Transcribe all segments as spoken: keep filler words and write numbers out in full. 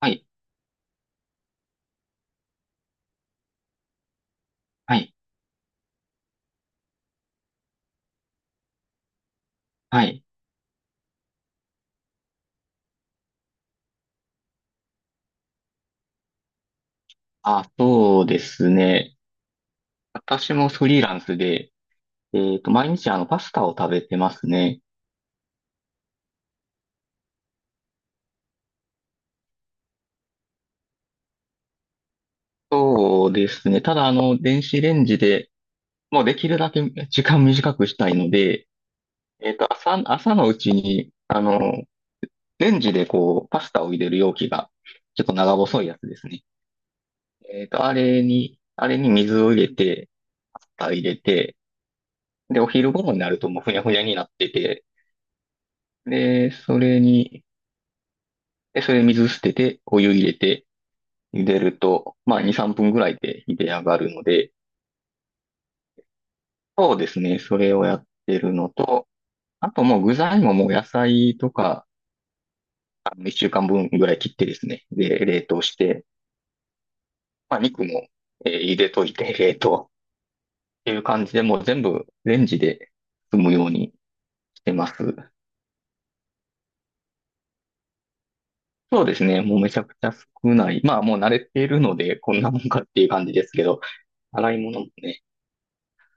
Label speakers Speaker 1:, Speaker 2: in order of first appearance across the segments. Speaker 1: はい、はい、はい。あ、そうですね。私もフリーランスで、えっと、毎日あの、パスタを食べてますね。そうですね。ただあの、電子レンジで、もうできるだけ時間短くしたいので、えっと、朝、朝のうちに、あの、レンジでこう、パスタを入れる容器が、ちょっと長細いやつですね。えっと、あれに、あれに水を入れて、パスタ入れて、で、お昼頃になるともうふにゃふにゃになってて、で、それに、で、それ水捨てて、お湯入れて、茹でると、まあ、に、さんぷんぐらいで茹で上がるので、そうですね、それをやってるのと、あともう具材ももう野菜とか、あの、いっしゅうかんぶんぐらい切ってですね、で、冷凍して、まあ、肉も、えー茹でといて、冷凍っていう感じで、もう全部レンジで済むようにしてます。そうですね、もうめちゃくちゃ少ない。まあ、もう慣れているので、こんなもんかっていう感じですけど、洗い物もね、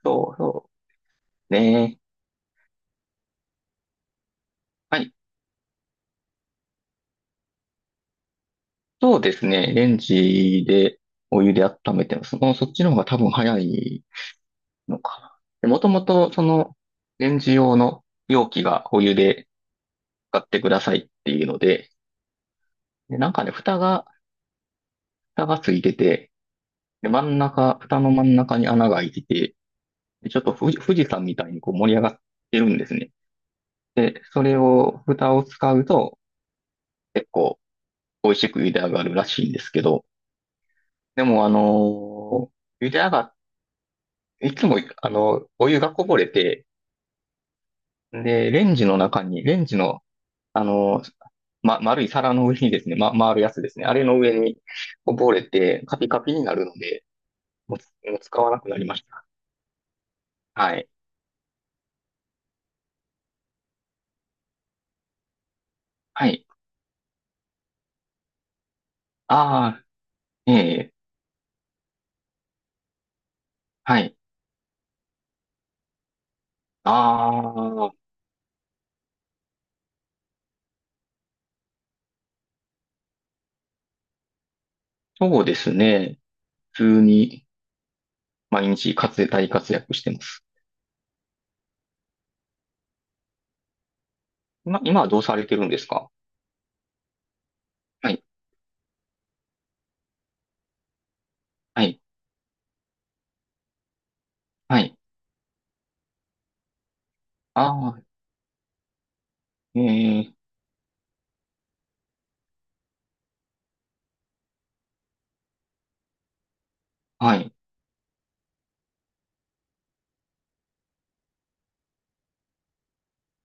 Speaker 1: そうそう、ね。はい、そうですね。レンジでお湯で温めてます。もうそっちの方が多分早いのかな。で、もともとそのレンジ用の容器がお湯で使ってくださいっていうので、で、なんかね、蓋が、蓋がついてて、で、真ん中、蓋の真ん中に穴が開いてて、で、ちょっと富士、富士山みたいにこう盛り上がってるんですね。で、それを、蓋を使うと結構美味しく茹で上がるらしいんですけど、でもあのー茹で上がっいつも、あの、お湯がこぼれて、で、レンジの中に、レンジの、あの、ま、丸い皿の上にですね、ま、回るやつですね。あれの上にこぼれて、カピカピになるので、もうつ、もう使わなくなりました。はい。はい。ああ、ええ、はい。ああ、そうですね。普通に毎日活躍、大活躍してます。今、今はどうされてるんですか？はい。はい。はい。ああ、ええ、はい。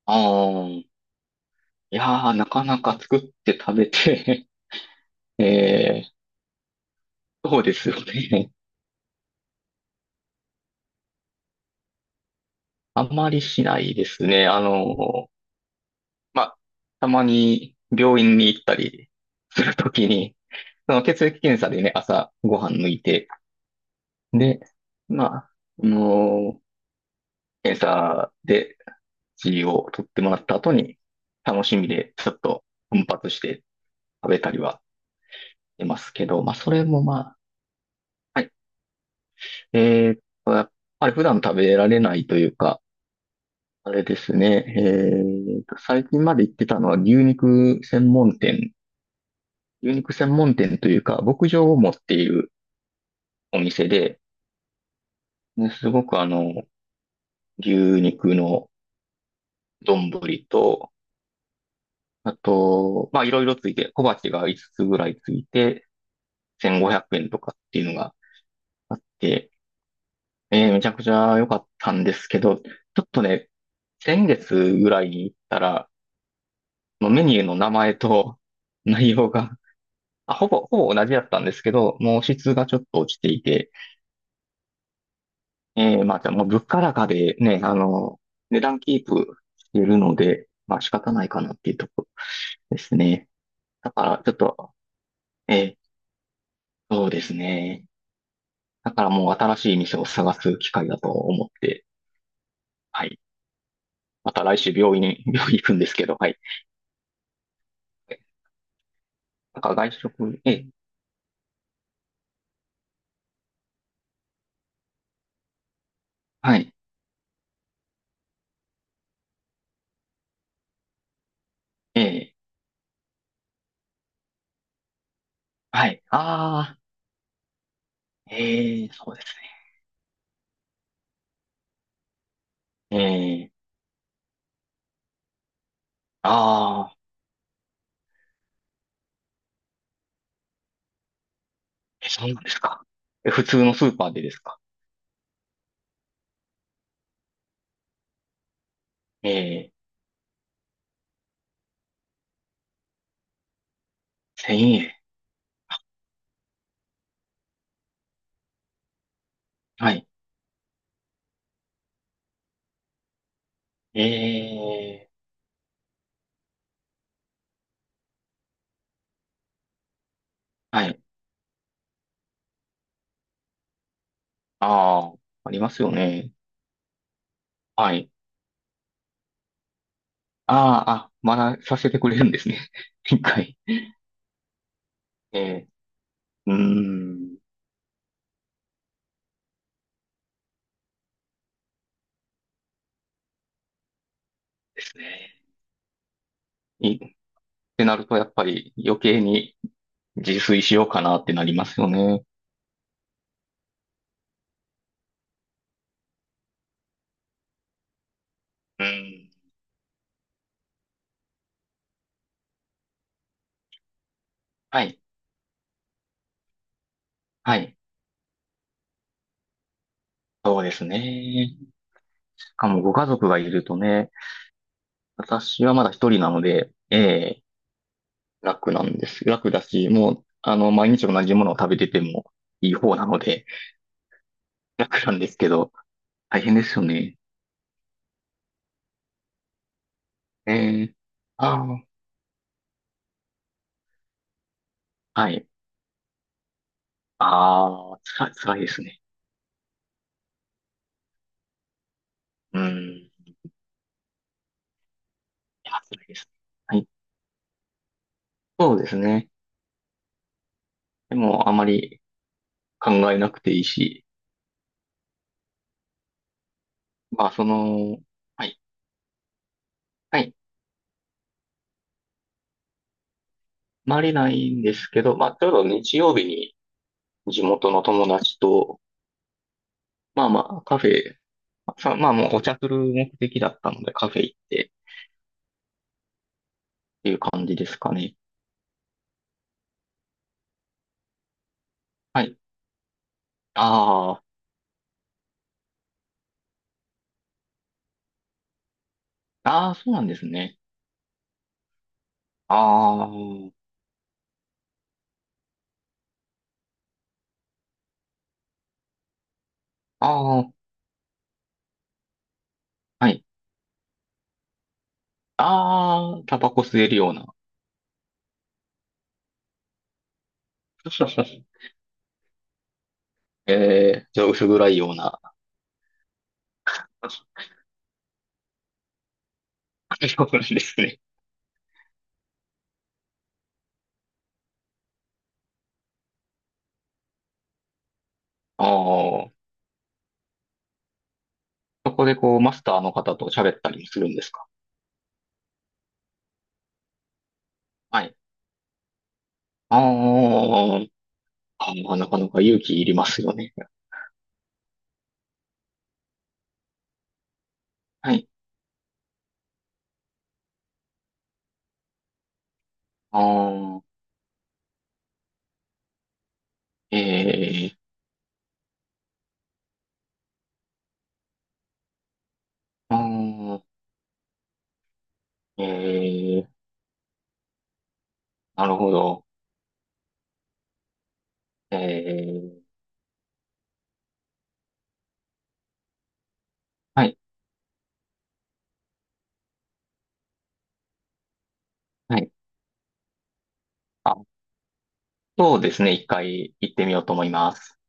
Speaker 1: ああ。いやー、なかなか作って食べて えー、そうですよね。あんまりしないですね。あの、まあ、たまに病院に行ったりするときに、その血液検査でね、朝ご飯抜いて、で、まあ、あの、検査で血を取ってもらった後に、楽しみでちょっと奮発して食べたりはしてますけど、まあ、それもまあ、はい。えーっと、やっぱり普段食べられないというか、あれですね。えーと、最近まで行ってたのは牛肉専門店。牛肉専門店というか、牧場を持っているお店で、ねすごくあの、牛肉の丼と、あと、まあいろいろついて、小鉢がいつつつぐらいついて、せんごひゃくえんとかっていうのがあって、えーめちゃくちゃ良かったんですけど、ちょっとね、先月ぐらいに行ったら、のメニューの名前と 内容があ、ほぼ、ほぼ同じだったんですけど、もう質がちょっと落ちていて、えー、まあ、じゃあもう物価高でね、あの、値段キープしてるので、まあ仕方ないかなっていうところですね。だからちょっと、えー、そうですね。だからもう新しい店を探す機会だと思って、はい。また来週病院に、病院行くんですけど、はい。なんか外食、えー、はい、えー、はい、あー、えー、そうですね。えー、あー、え、そうなんですか？え、普通のスーパーでですか？ええ、せんえん。はい。ええ、はい。ああ、ありますよね。はい。ああ、あ、まださせてくれるんですね。一回。ええ、うーん、ですね。い、ってなると、やっぱり余計に自炊しようかなってなりますよね。うん。はい。はい。そうですね。しかもご家族がいるとね、私はまだ一人なので、ええ楽なんです。楽だし、もう、あの、毎日同じものを食べててもいい方なので、楽なんですけど、大変ですよね。えー、あー、はい。ああ、辛い、辛いですね。うん。いや、辛いですね。はい。そうですね。でも、あまり考えなくていいし、まあ、その、はい。はい。まれないんですけど、まあ、ちょうど日曜日に地元の友達と、まあまあ、カフェ、さまあもうお茶する目的だったのでカフェ行って、っていう感じですかね。はい。ああ、ああ、そうなんですね。ああ、ああ、はい。ああ、タバコ吸えるような。えー、じゃあ薄暗いような。そうなんですね。ああ、そこでこう、マスターの方と喋ったりもするんですか？はい。あーあー、なかなか勇気いりますよね。はい。ああ、えー、あーえー、なるほど。えー、はい、はい。そうですね。一回行ってみようと思います。